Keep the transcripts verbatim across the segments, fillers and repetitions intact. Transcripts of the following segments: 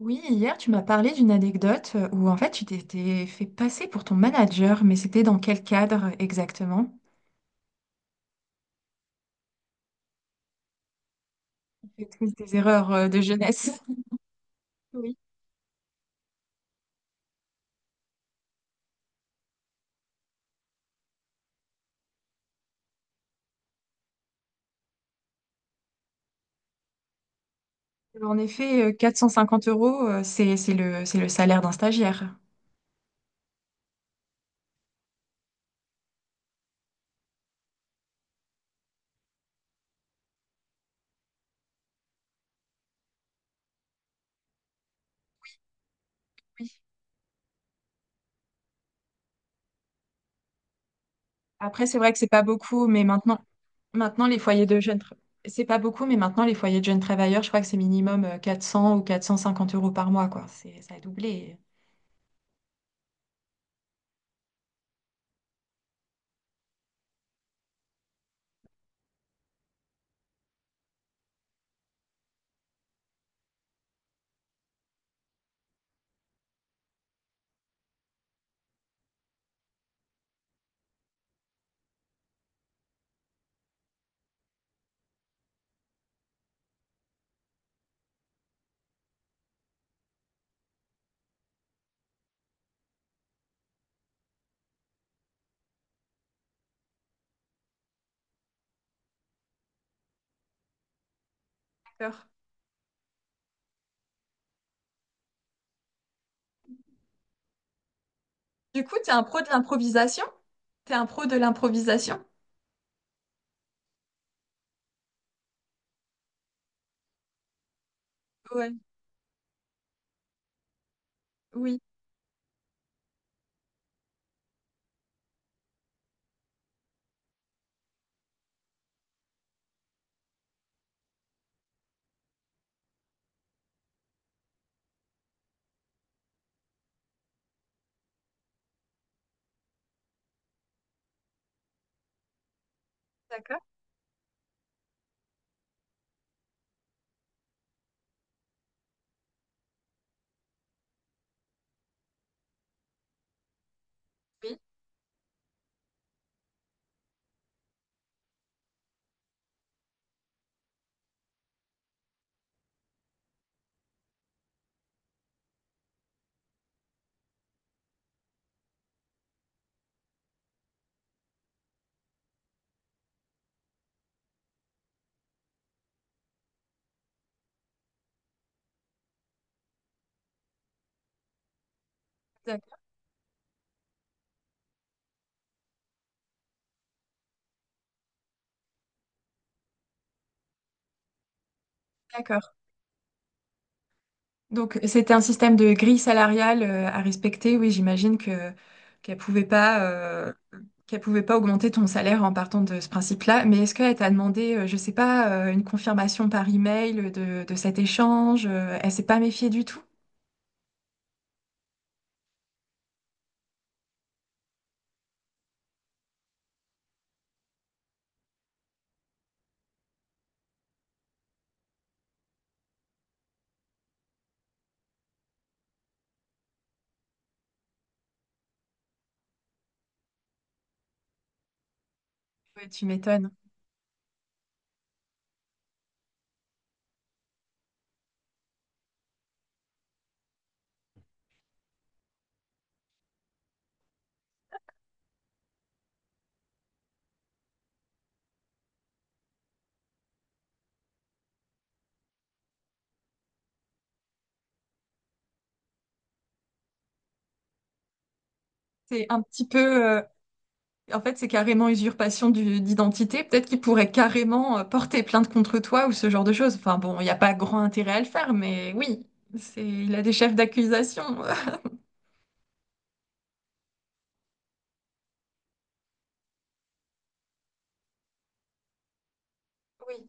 Oui, hier, tu m'as parlé d'une anecdote euh, où en fait tu t'étais fait passer pour ton manager, mais c'était dans quel cadre exactement? J'ai pris tes erreurs euh, de jeunesse. Oui. En effet, euh, quatre cent cinquante euros, euh, c'est, c'est le, c'est le salaire d'un stagiaire. Après, c'est vrai que c'est pas beaucoup, mais maintenant, maintenant les foyers de jeunes, tra- c'est pas beaucoup, mais maintenant les foyers de jeunes travailleurs, je crois que c'est minimum euh, quatre cents ou quatre cent cinquante euros par mois, quoi. C'est, ça a doublé. D'accord. Du coup, t'es un pro de l'improvisation? T'es un pro de l'improvisation? Ouais. Oui. D'accord. Oui, d'ac- d'accord. Donc, c'était un système de grille salariale euh, à respecter. Oui, j'imagine que qu'elle pouvait pas euh, qu'elle pouvait pas augmenter ton salaire en partant de ce principe-là. Mais est-ce qu'elle t'a demandé, euh, je sais pas, euh, une confirmation par email de, de cet échange? euh, Elle s'est pas méfiée du tout? Ouais, tu m'étonnes. C'est un petit peu. euh, En fait, c'est carrément usurpation du- d'identité. Peut-être qu'il pourrait carrément euh, porter plainte contre toi ou ce genre de choses. Enfin bon, il n'y a pas grand intérêt à le faire, mais oui, c'est, il a des chefs d'accusation. Oui,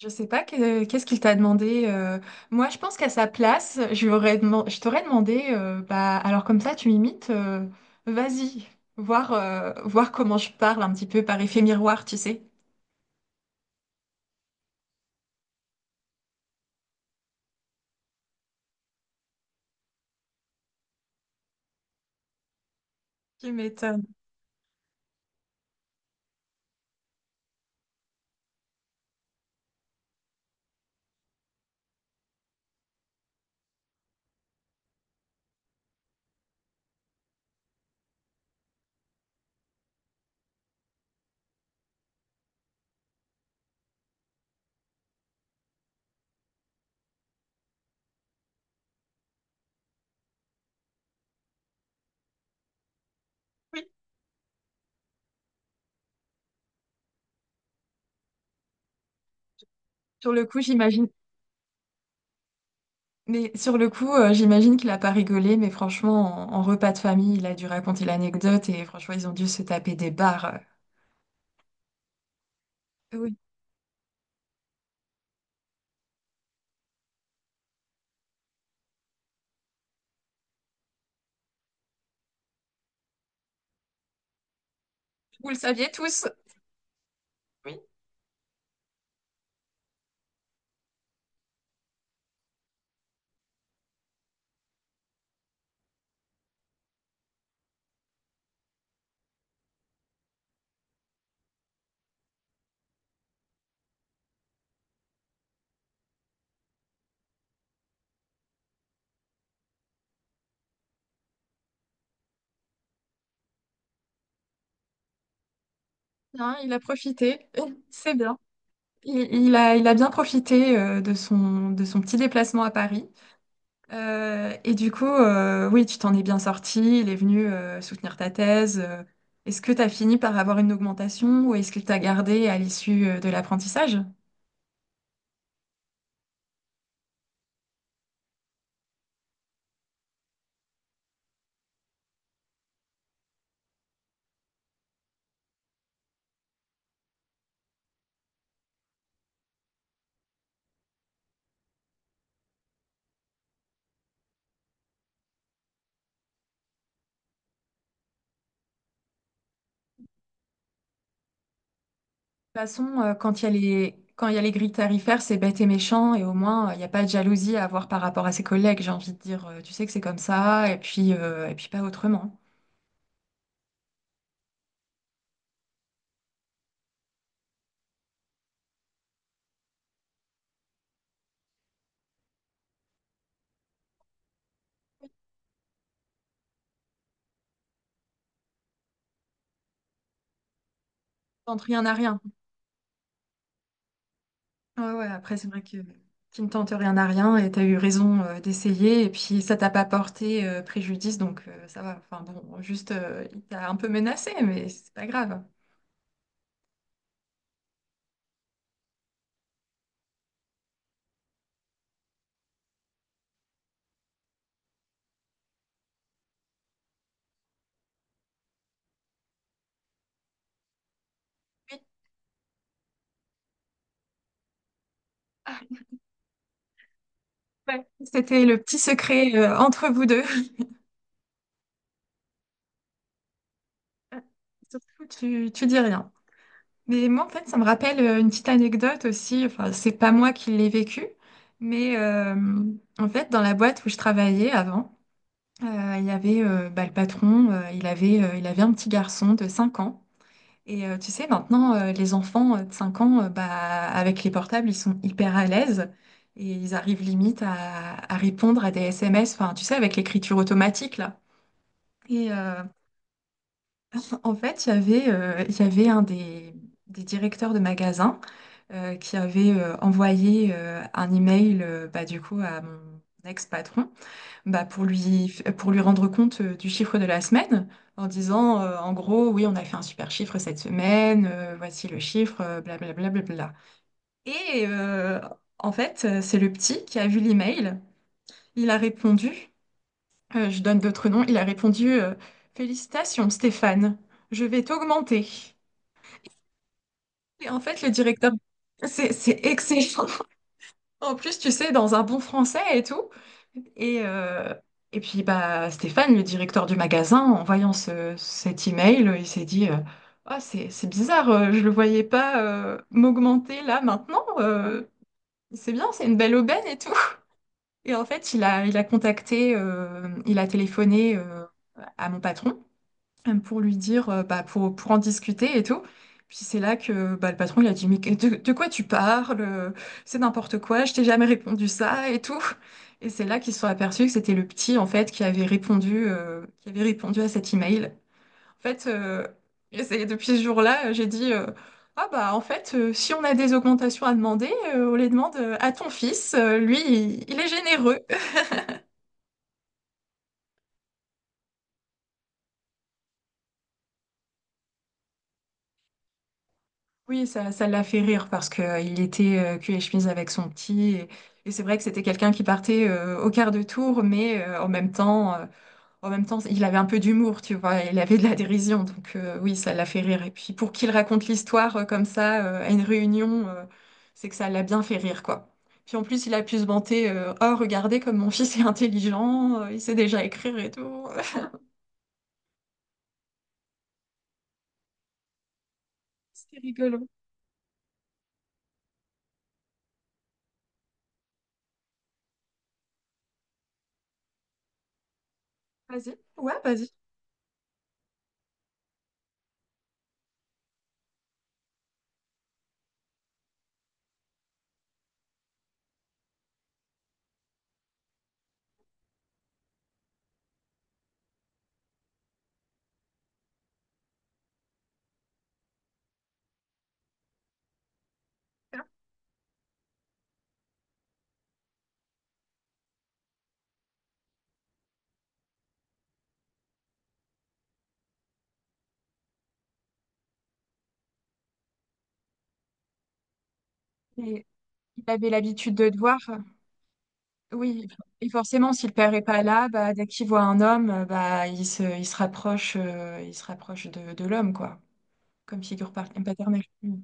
je sais pas que- qu'est-ce qu'il t'a demandé. euh, Moi, je pense qu'à sa place, je lui aurais deman- je t'aurais demandé, euh, bah, alors comme ça, tu m'imites, euh, vas-y, voir, euh, voir comment je parle un petit peu par effet miroir, tu sais. Tu m'étonnes. Oui. Sur le coup, j'imagine. Mais sur le coup, euh, j'imagine qu'il a pas rigolé, mais franchement, en, en repas de famille, il a dû raconter l'anecdote et franchement, ils ont dû se taper des barres. Euh, Oui, vous le saviez tous. Oui, hein, il a profité. C'est bien. Il, il a, il a bien profité euh, de son, de son petit déplacement à Paris. Euh, et du coup, euh, oui, tu t'en es bien sorti. Il est venu euh, soutenir ta thèse. Euh, Est-ce que tu as fini par avoir une augmentation ou est-ce qu'il t'a gardé à l'issue euh, de l'apprentissage? De toute façon, euh, quand il y a les, quand il y a les grilles tarifaires, c'est bête et méchant, et au moins, euh, il n'y a pas de jalousie à avoir par rapport à ses collègues, j'ai envie de dire, euh, tu sais que c'est comme ça, et puis, euh, et puis pas autrement. Tente rien à rien. Ouais, ouais, après, c'est vrai que tu ne tentes rien à rien, et tu as eu raison, euh, d'essayer, et puis ça t'a pas porté, euh, préjudice, donc euh, ça va. Enfin bon, juste, euh, il t'a un peu menacé, mais c'est pas grave. Oui, ouais, c'était le petit secret, euh, entre vous deux. Surtout, tu, tu dis rien. Mais moi, en fait, ça me rappelle euh, une petite anecdote aussi. Enfin, c'est pas moi qui l'ai vécu, mais euh, en fait, dans la boîte où je travaillais avant, euh, il y avait euh, bah, le patron, euh, il avait, euh, il avait un petit garçon de cinq ans. Et euh, tu sais, maintenant, euh, les enfants euh, de cinq ans, euh, bah, avec les portables, ils sont hyper à l'aise et ils arrivent limite à, à répondre à des S M S, enfin, tu sais, avec l'écriture automatique, là. Et euh, en fait, il y avait, euh, il y avait un des, des directeurs de magasin euh, qui avait euh, envoyé euh, un email euh, bah, du coup à mon ex-patron bah, pour lui, pour lui rendre compte euh, du chiffre de la semaine en disant euh, en gros oui on a fait un super chiffre cette semaine, euh, voici le chiffre, euh, blablabla, blablabla. Et euh, en fait euh, c'est le petit qui a vu l'email, il a répondu, euh, je donne d'autres noms, il a répondu euh, Félicitations Stéphane, je vais t'augmenter. Et en fait le directeur. C'est c'est excellent. En plus, tu sais, dans un bon français et tout. Et, euh, et puis, bah, Stéphane, le directeur du magasin, en voyant ce, cet email, euh, il s'est dit, euh, ah, c'est, c'est bizarre, euh, je le voyais pas euh, m'augmenter là maintenant. Euh, c'est bien, c'est une belle aubaine et tout. Et en fait, il a, il a contacté, euh, il a téléphoné euh, à mon patron euh, pour lui dire, euh, bah, pour, pour en discuter et tout. Puis c'est là que bah, le patron il a dit, mais que- de, de quoi tu parles? Euh, C'est n'importe quoi, je t'ai jamais répondu ça et tout. Et c'est là qu'ils se sont aperçus que c'était le petit en fait qui avait répondu, euh, qui avait répondu à cet email. En fait, euh, et c'est depuis ce jour-là, euh, j'ai dit, euh, ah bah en fait, euh, si on a des augmentations à demander, euh, on les demande euh, à ton fils. Euh, lui, il il est généreux. Oui, ça, ça l'a fait rire parce que euh, il était euh, cul et chemise avec son petit. Et, et c'est vrai que c'était quelqu'un qui partait euh, au quart de tour, mais euh, en même temps, euh, en même temps, il avait un peu d'humour, tu vois. Il avait de la dérision, donc euh, oui, ça l'a fait rire. Et puis pour qu'il raconte l'histoire euh, comme ça euh, à une réunion, euh, c'est que ça l'a bien fait rire, quoi. Puis en plus, il a pu se vanter, euh, oh, regardez comme mon fils est intelligent, euh, il sait déjà écrire et tout. C'était rigolo. Vas-y. Ouais, vas-y. Et il avait l'habitude de te voir. Oui, et for- et forcément, si le père est pas là, bah, dès qu'il voit un homme, euh, bah, il se, il se rapproche, euh, il se rapproche de, de l'homme, quoi, comme figure par- paternelle. Mm.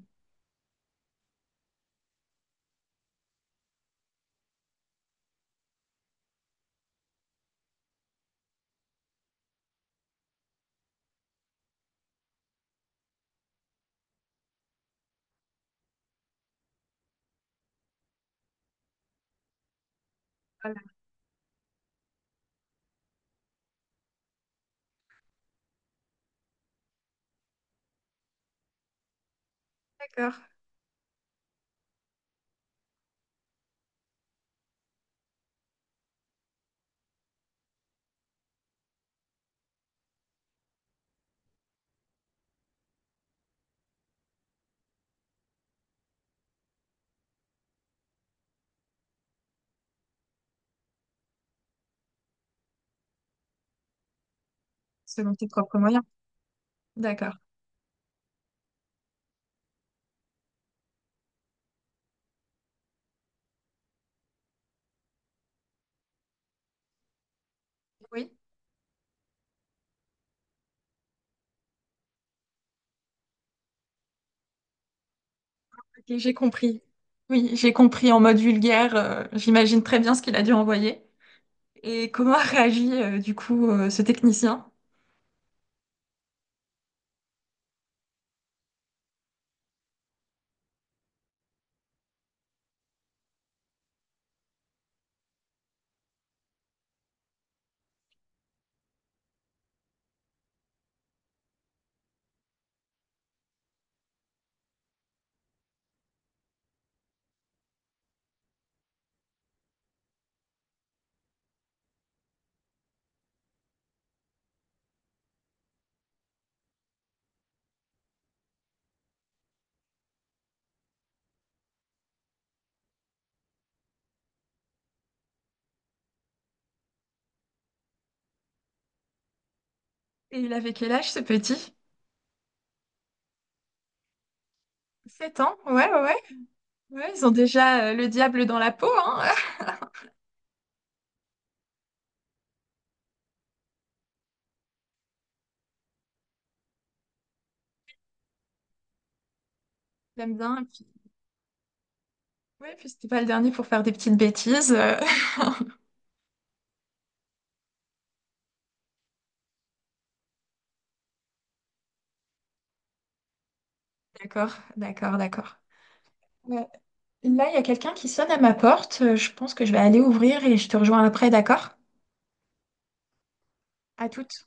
Voilà, d'accord. Selon tes propres moyens. D'accord. Oui, ok, j'ai compris. Oui, j'ai compris en mode vulgaire. Euh, j'imagine très bien ce qu'il a dû envoyer. Et comment a réagi, euh, du coup, euh, ce technicien? Et il avait quel âge, ce petit? Sept ans, ouais, ouais, ouais. Ouais, ils ont déjà euh, le diable dans la peau, hein. J'aime bien. Ouais, puis c'était pas le dernier pour faire des petites bêtises. euh. D'accord, d'accord, d'accord. Ouais. Là, il y a quelqu'un qui sonne à ma porte. Euh, Je pense que je vais aller ouvrir et je te rejoins après, d'accord? À toutes.